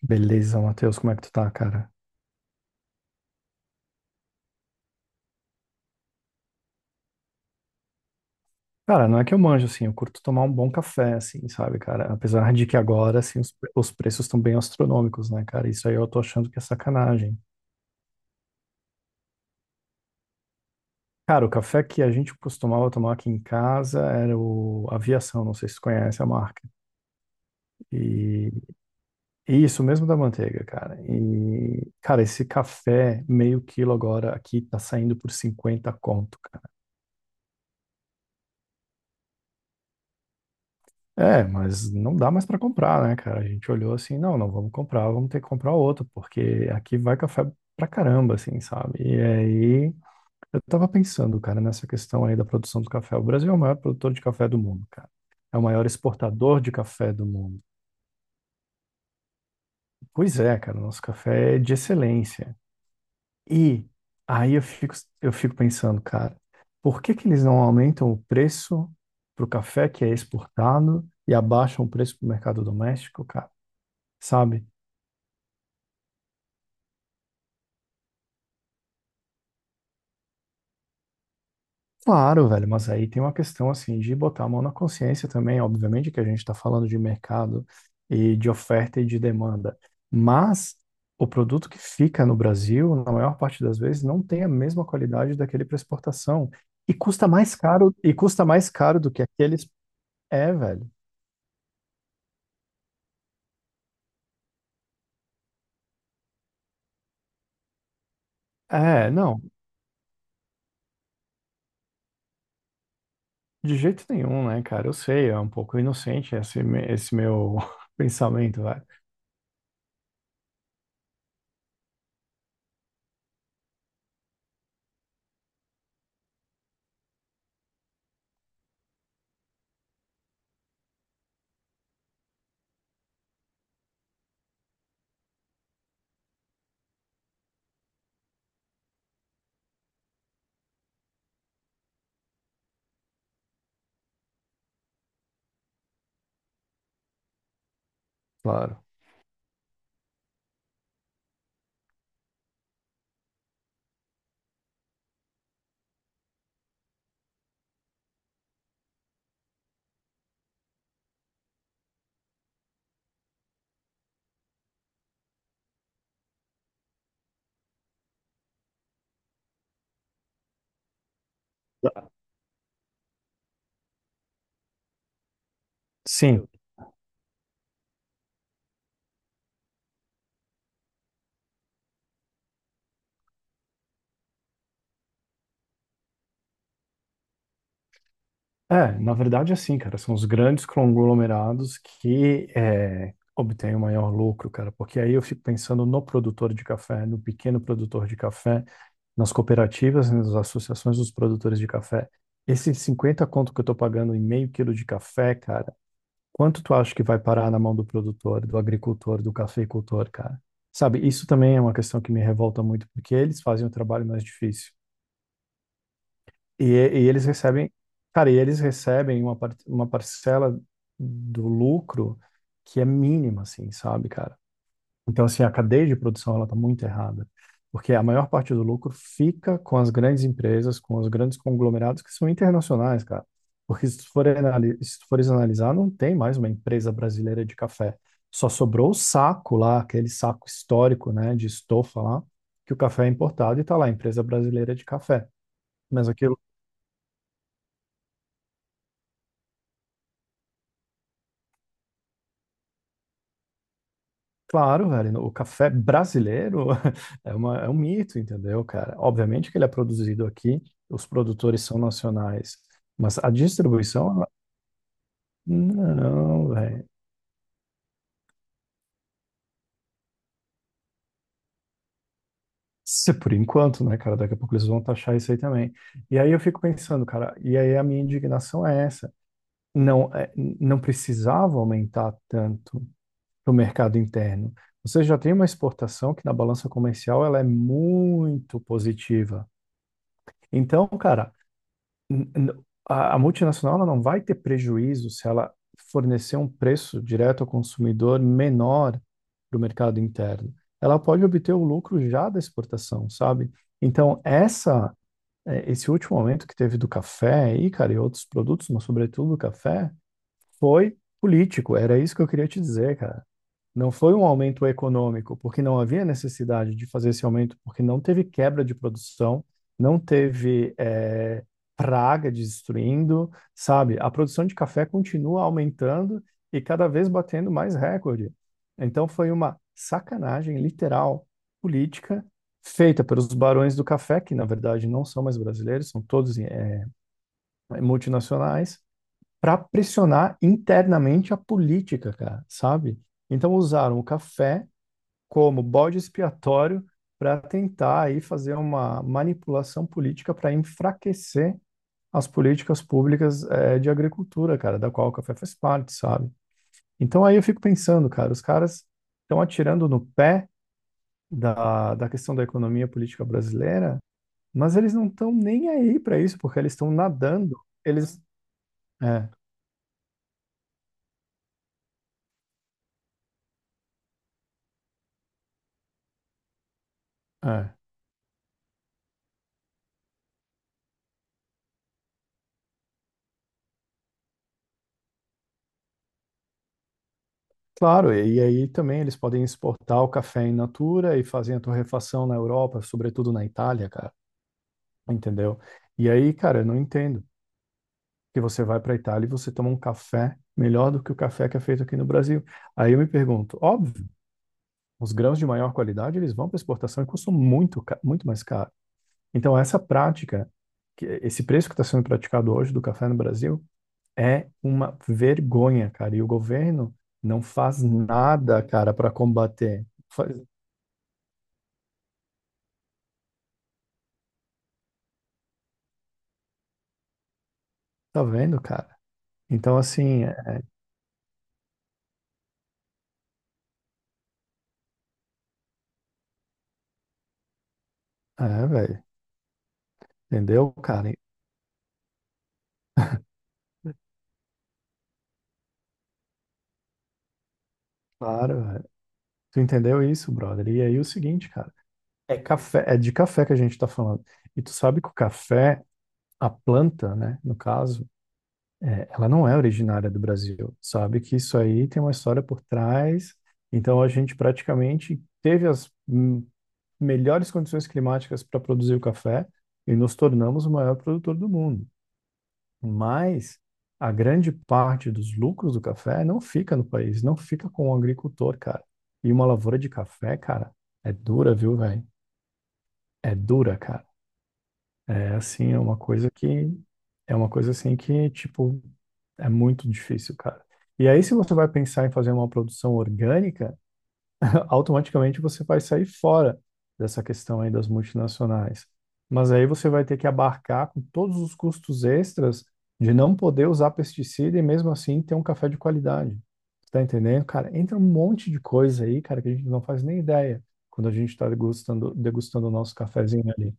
Beleza, Matheus, como é que tu tá, cara? Cara, não é que eu manjo, assim, eu curto tomar um bom café, assim, sabe, cara? Apesar de que agora, assim, os preços estão bem astronômicos, né, cara? Isso aí eu tô achando que é sacanagem. Cara, o café que a gente costumava tomar aqui em casa era o Aviação, não sei se tu conhece a marca. E, e isso mesmo da manteiga, cara. E, cara, esse café meio quilo agora aqui tá saindo por 50 conto. É, mas não dá mais para comprar, né, cara? A gente olhou assim, não, não vamos comprar, vamos ter que comprar outro, porque aqui vai café pra caramba, assim, sabe? E aí, eu tava pensando, cara, nessa questão aí da produção do café. O Brasil é o maior produtor de café do mundo, cara. É o maior exportador de café do mundo. Pois é, cara, o nosso café é de excelência. E aí eu fico pensando, cara, por que que eles não aumentam o preço pro café que é exportado e abaixam o preço pro mercado doméstico, cara? Sabe? Claro, velho, mas aí tem uma questão assim de botar a mão na consciência também, obviamente que a gente está falando de mercado e de oferta e de demanda, mas o produto que fica no Brasil, na maior parte das vezes, não tem a mesma qualidade daquele para exportação e custa mais caro e custa mais caro do que aqueles é, velho. É, não, de jeito nenhum, né, cara? Eu sei, é um pouco inocente esse meu pensamento, velho. Claro. Sim. É, na verdade, assim, cara, são os grandes conglomerados que obtêm o maior lucro, cara, porque aí eu fico pensando no produtor de café, no pequeno produtor de café, nas cooperativas, né, nas associações dos produtores de café. Esses 50 conto que eu tô pagando em meio quilo de café, cara, quanto tu acha que vai parar na mão do produtor, do agricultor, do cafeicultor, cara? Sabe, isso também é uma questão que me revolta muito, porque eles fazem o trabalho mais difícil. E eles recebem, cara, e eles recebem uma parcela do lucro que é mínima, assim, sabe, cara? Então, assim, a cadeia de produção, ela tá muito errada, porque a maior parte do lucro fica com as grandes empresas, com os grandes conglomerados que são internacionais, cara. Porque se tu fores analisar, não tem mais uma empresa brasileira de café. Só sobrou o saco lá, aquele saco histórico, né, de estofa lá, que o café é importado e tá lá, empresa brasileira de café. Mas aqui. Claro, velho, o café brasileiro é uma, é um mito, entendeu, cara? Obviamente que ele é produzido aqui, os produtores são nacionais, mas a distribuição, não, velho. Se por enquanto, né, cara? Daqui a pouco eles vão taxar isso aí também. E aí eu fico pensando, cara, e aí a minha indignação é essa. Não, é, não precisava aumentar tanto para o mercado interno. Você já tem uma exportação que na balança comercial ela é muito positiva. Então, cara. A multinacional ela não vai ter prejuízo se ela fornecer um preço direto ao consumidor menor para o mercado interno. Ela pode obter o lucro já da exportação, sabe? Então, esse último aumento que teve do café e cara, e outros produtos, mas sobretudo do café, foi político. Era isso que eu queria te dizer, cara. Não foi um aumento econômico, porque não havia necessidade de fazer esse aumento, porque não teve quebra de produção, não teve praga destruindo, sabe? A produção de café continua aumentando e cada vez batendo mais recorde. Então foi uma sacanagem literal política feita pelos barões do café, que na verdade não são mais brasileiros, são todos multinacionais, para pressionar internamente a política, cara, sabe? Então usaram o café como bode expiatório para tentar aí fazer uma manipulação política para enfraquecer as políticas públicas de agricultura, cara, da qual o café faz parte, sabe? Então aí eu fico pensando, cara, os caras estão atirando no pé da questão da economia política brasileira, mas eles não estão nem aí para isso, porque eles estão nadando. Eles. É, é. Claro, e aí também eles podem exportar o café in natura e fazem a torrefação na Europa, sobretudo na Itália, cara. Entendeu? E aí, cara, eu não entendo. Que você vai para Itália e você toma um café melhor do que o café que é feito aqui no Brasil. Aí eu me pergunto, óbvio, os grãos de maior qualidade, eles vão para exportação e custam muito, ca- muito mais caro. Então, essa prática, esse preço que está sendo praticado hoje do café no Brasil, é uma vergonha, cara. E o governo não faz nada, cara, para combater. Faz. Tá vendo, cara? Então, assim, é, é, velho, entendeu, cara? Claro, velho. Tu entendeu isso, brother? E aí o seguinte, cara, é café, é de café que a gente tá falando. E tu sabe que o café, a planta, né, no caso, é, ela não é originária do Brasil. Sabe que isso aí tem uma história por trás. Então a gente praticamente teve as melhores condições climáticas para produzir o café e nos tornamos o maior produtor do mundo. Mas a grande parte dos lucros do café não fica no país, não fica com o agricultor, cara. E uma lavoura de café, cara, é dura, viu, velho? É dura, cara. É assim, é uma coisa que é uma coisa assim que, tipo, é muito difícil, cara. E aí, se você vai pensar em fazer uma produção orgânica, automaticamente você vai sair fora dessa questão aí das multinacionais. Mas aí você vai ter que abarcar com todos os custos extras de não poder usar pesticida e mesmo assim ter um café de qualidade. Tá entendendo? Cara, entra um monte de coisa aí, cara, que a gente não faz nem ideia quando a gente tá degustando o nosso cafezinho ali.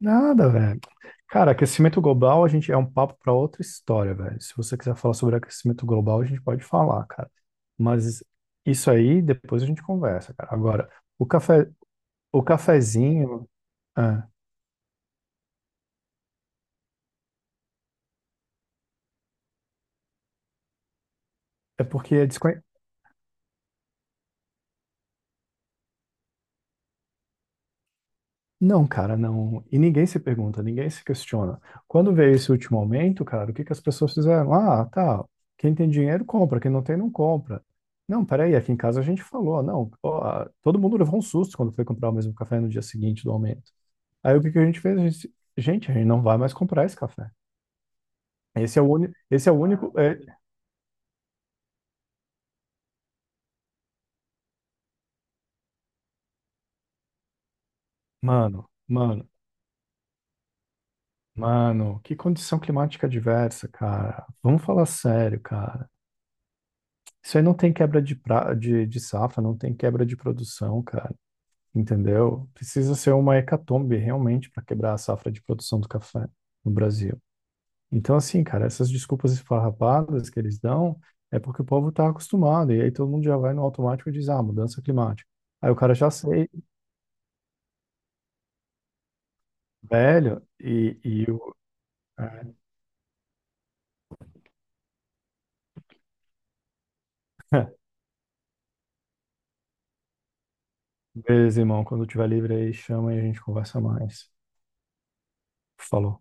Nada, velho. Cara, aquecimento global, a gente é um papo para outra história, velho. Se você quiser falar sobre aquecimento global, a gente pode falar, cara. Mas isso aí, depois a gente conversa, cara. Agora, o café, o cafezinho, é, é porque é desconhe... Não, cara, não. E ninguém se pergunta, ninguém se questiona. Quando veio esse último aumento, cara, o que que as pessoas fizeram? Ah, tá. Quem tem dinheiro compra, quem não tem não compra. Não, peraí, aqui em casa a gente falou, não, ó, todo mundo levou um susto quando foi comprar o mesmo café no dia seguinte do aumento. Aí o que que a gente fez? A gente, disse, gente, a gente não vai mais comprar esse café. Esse é o único, esse é o único, mano, mano, mano, que condição climática diversa, cara. Vamos falar sério, cara. Isso aí não tem quebra de, pra, de safra, não tem quebra de produção, cara. Entendeu? Precisa ser uma hecatombe realmente para quebrar a safra de produção do café no Brasil. Então, assim, cara, essas desculpas esfarrapadas que eles dão é porque o povo tá acostumado, e aí todo mundo já vai no automático e diz, ah, mudança climática. Aí o cara já aceita. Velho, e o. Beleza, irmão. Quando tiver livre aí, chama e a gente conversa mais. Falou.